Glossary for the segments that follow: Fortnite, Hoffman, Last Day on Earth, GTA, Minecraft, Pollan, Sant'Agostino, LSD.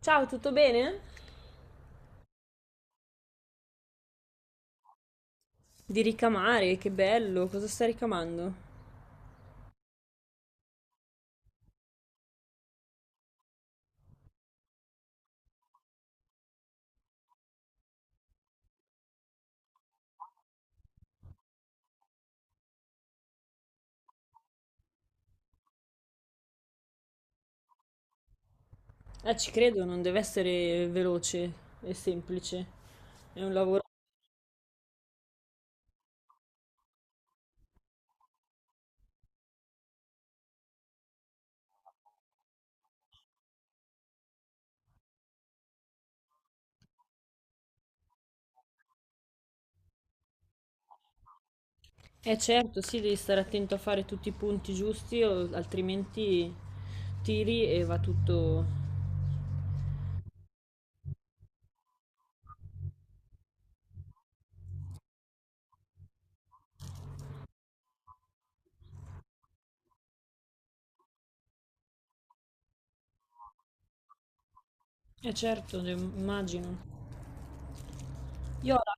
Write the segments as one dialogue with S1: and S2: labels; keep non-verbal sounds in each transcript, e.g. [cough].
S1: Ciao, tutto bene? Di ricamare, che bello, cosa sta ricamando? Ci credo, non deve essere veloce e semplice. È un lavoro. Eh certo, sì, devi stare attento a fare tutti i punti giusti, altrimenti tiri e va tutto. Eh certo, immagino. Io la-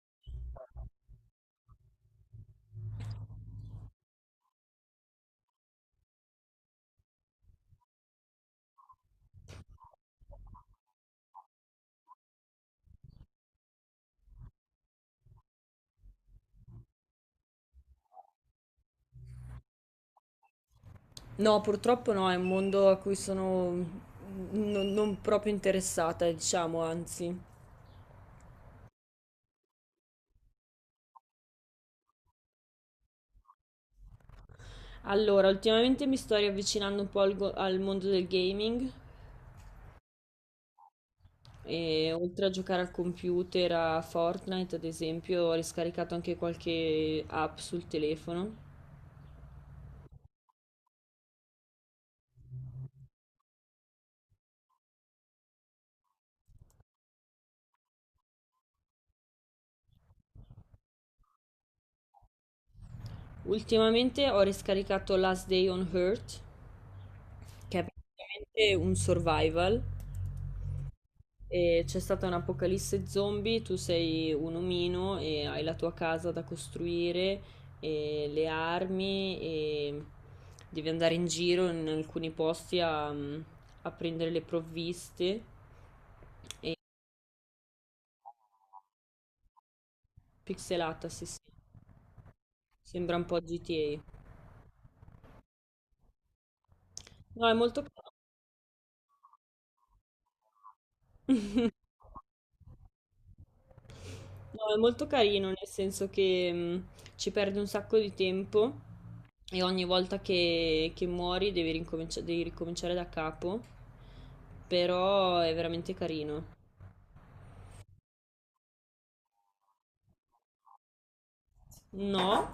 S1: No, purtroppo no, è un mondo a cui sono non proprio interessata, diciamo, anzi. Allora, ultimamente mi sto riavvicinando un po' al mondo del gaming. E oltre a giocare al computer, a Fortnite, ad esempio, ho riscaricato anche qualche app sul telefono. Ultimamente ho riscaricato Last Day on Earth, che è praticamente un survival. E c'è stata un'apocalisse zombie, tu sei un omino e hai la tua casa da costruire, e le armi e devi andare in giro in alcuni posti a prendere le provviste. Pixelata, sì, sì. Sembra un po' GTA. No, è molto, no, è molto carino, nel senso che ci perde un sacco di tempo e ogni volta che muori devi ricominciare da capo, però è veramente carino. No?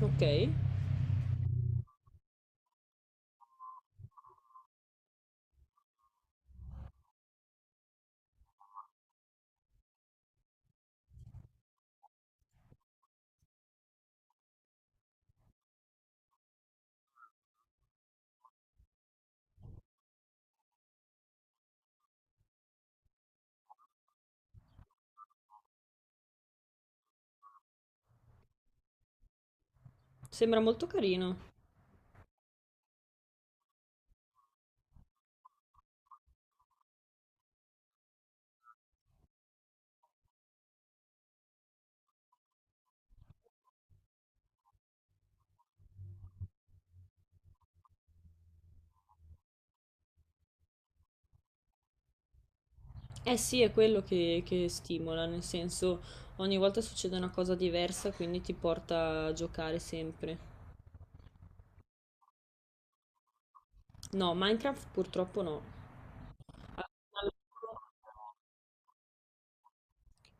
S1: Ok. Sembra molto carino. Eh sì, è quello che stimola, nel senso ogni volta succede una cosa diversa, quindi ti porta a giocare sempre. No, Minecraft purtroppo no.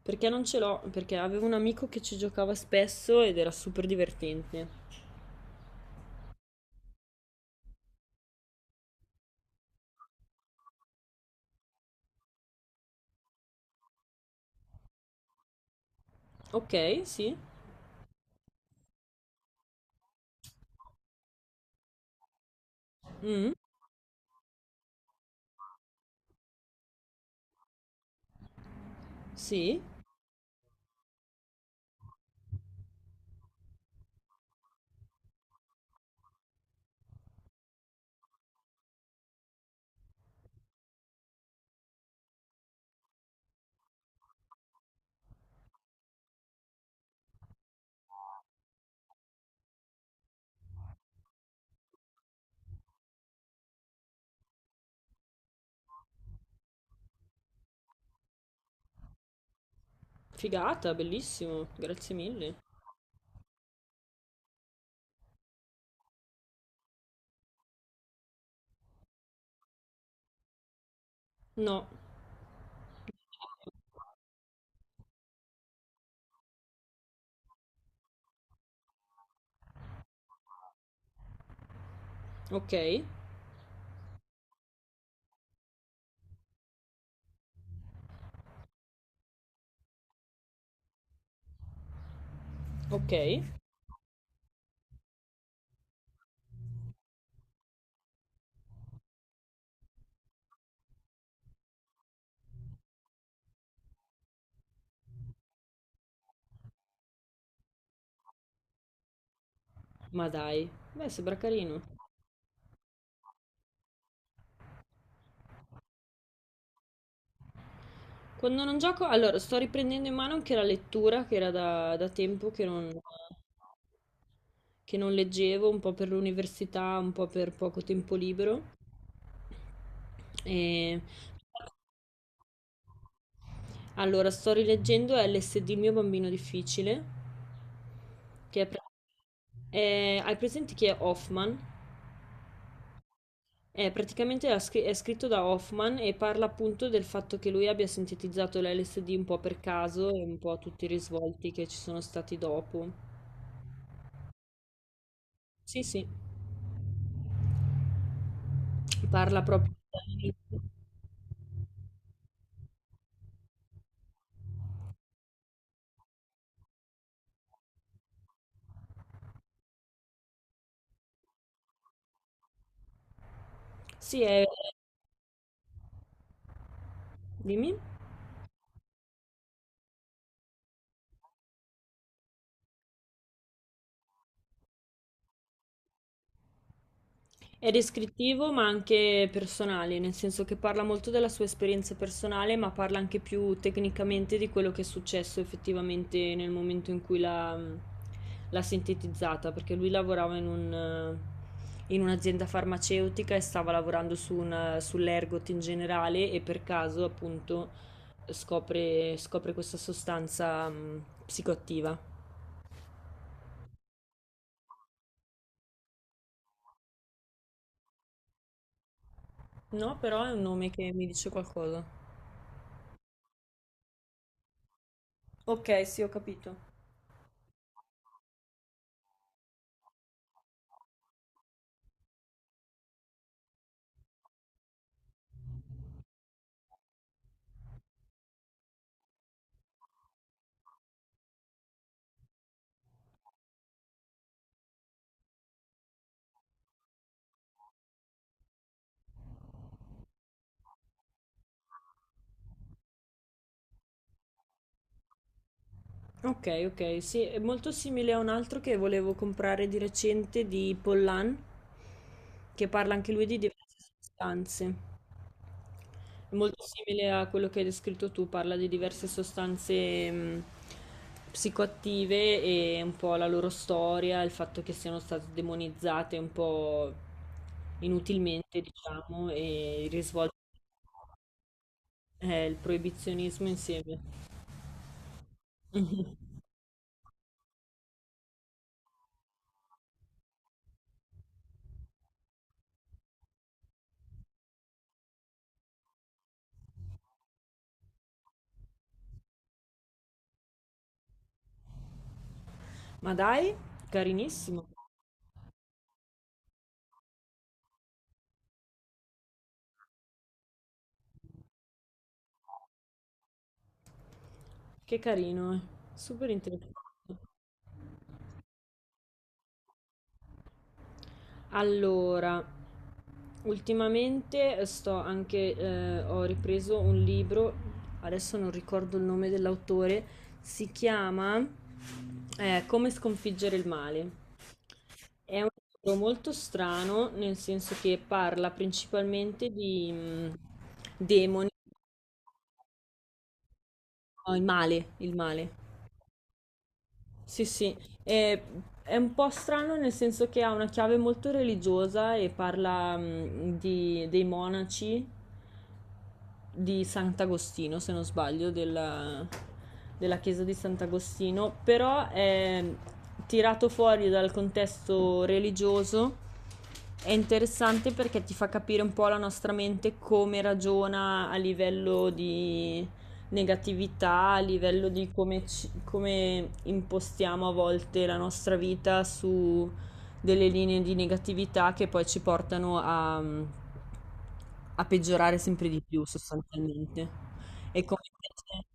S1: Perché non ce l'ho? Perché avevo un amico che ci giocava spesso ed era super divertente. Ok, sì. Mm, sì. Figata, bellissimo. Grazie mille. No. Ok. Ok. Ma dai. Beh, sembra carino. Quando non gioco... Allora, sto riprendendo in mano anche la lettura, che era da tempo che non leggevo, un po' per l'università, un po' per poco tempo libero. E... Allora, sto rileggendo LSD il mio bambino difficile, che è pra- è- hai presente chi è Hoffman? È praticamente è scritto da Hoffman e parla appunto del fatto che lui abbia sintetizzato l'LSD un po' per caso e un po' a tutti i risvolti che ci sono stati dopo. Sì, sì, parla proprio. Sì, è... dimmi. È descrittivo ma anche personale, nel senso che parla molto della sua esperienza personale, ma parla anche più tecnicamente di quello che è successo effettivamente nel momento in cui l'ha sintetizzata, perché lui lavorava in un'azienda farmaceutica e stava lavorando sull'ergot in generale e per caso appunto scopre, scopre questa sostanza psicoattiva. No, però è un nome che mi dice qualcosa. Ok, sì, ho capito. Ok, ok, sì, è molto simile a un altro che volevo comprare di recente di Pollan, che parla anche lui di diverse sostanze. È molto simile a quello che hai descritto tu, parla di diverse sostanze psicoattive e un po' la loro storia, il fatto che siano state demonizzate un po' inutilmente, diciamo, e il risvolto, il proibizionismo insieme. [laughs] Ma dai, carinissimo. Che carino, eh. Super interessante. Allora, ultimamente sto anche, ho ripreso un libro, adesso non ricordo il nome dell'autore, si chiama Come sconfiggere il male. È un libro molto strano, nel senso che parla principalmente di demoni, no, il male, il male. Sì, sì, è, è un po' strano nel senso che ha una chiave molto religiosa e parla dei monaci di Sant'Agostino, se non sbaglio, della, della chiesa di Sant'Agostino, però è tirato fuori dal contesto religioso. È interessante perché ti fa capire un po' la nostra mente come ragiona a livello di negatività, a livello di come impostiamo a volte la nostra vita su delle linee di negatività che poi ci portano a peggiorare sempre di più sostanzialmente. E come invece-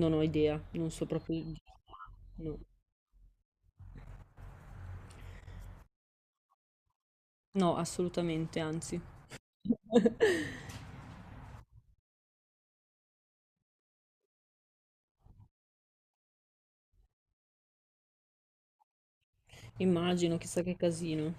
S1: Non ho idea, non so proprio... No, no, assolutamente, anzi. [laughs] Immagino, chissà che casino.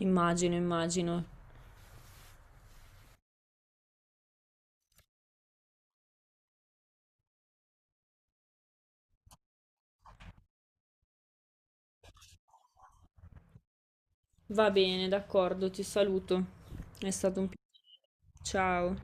S1: Immagino, immagino. Va bene, d'accordo, ti saluto. È stato un piacere. Ciao.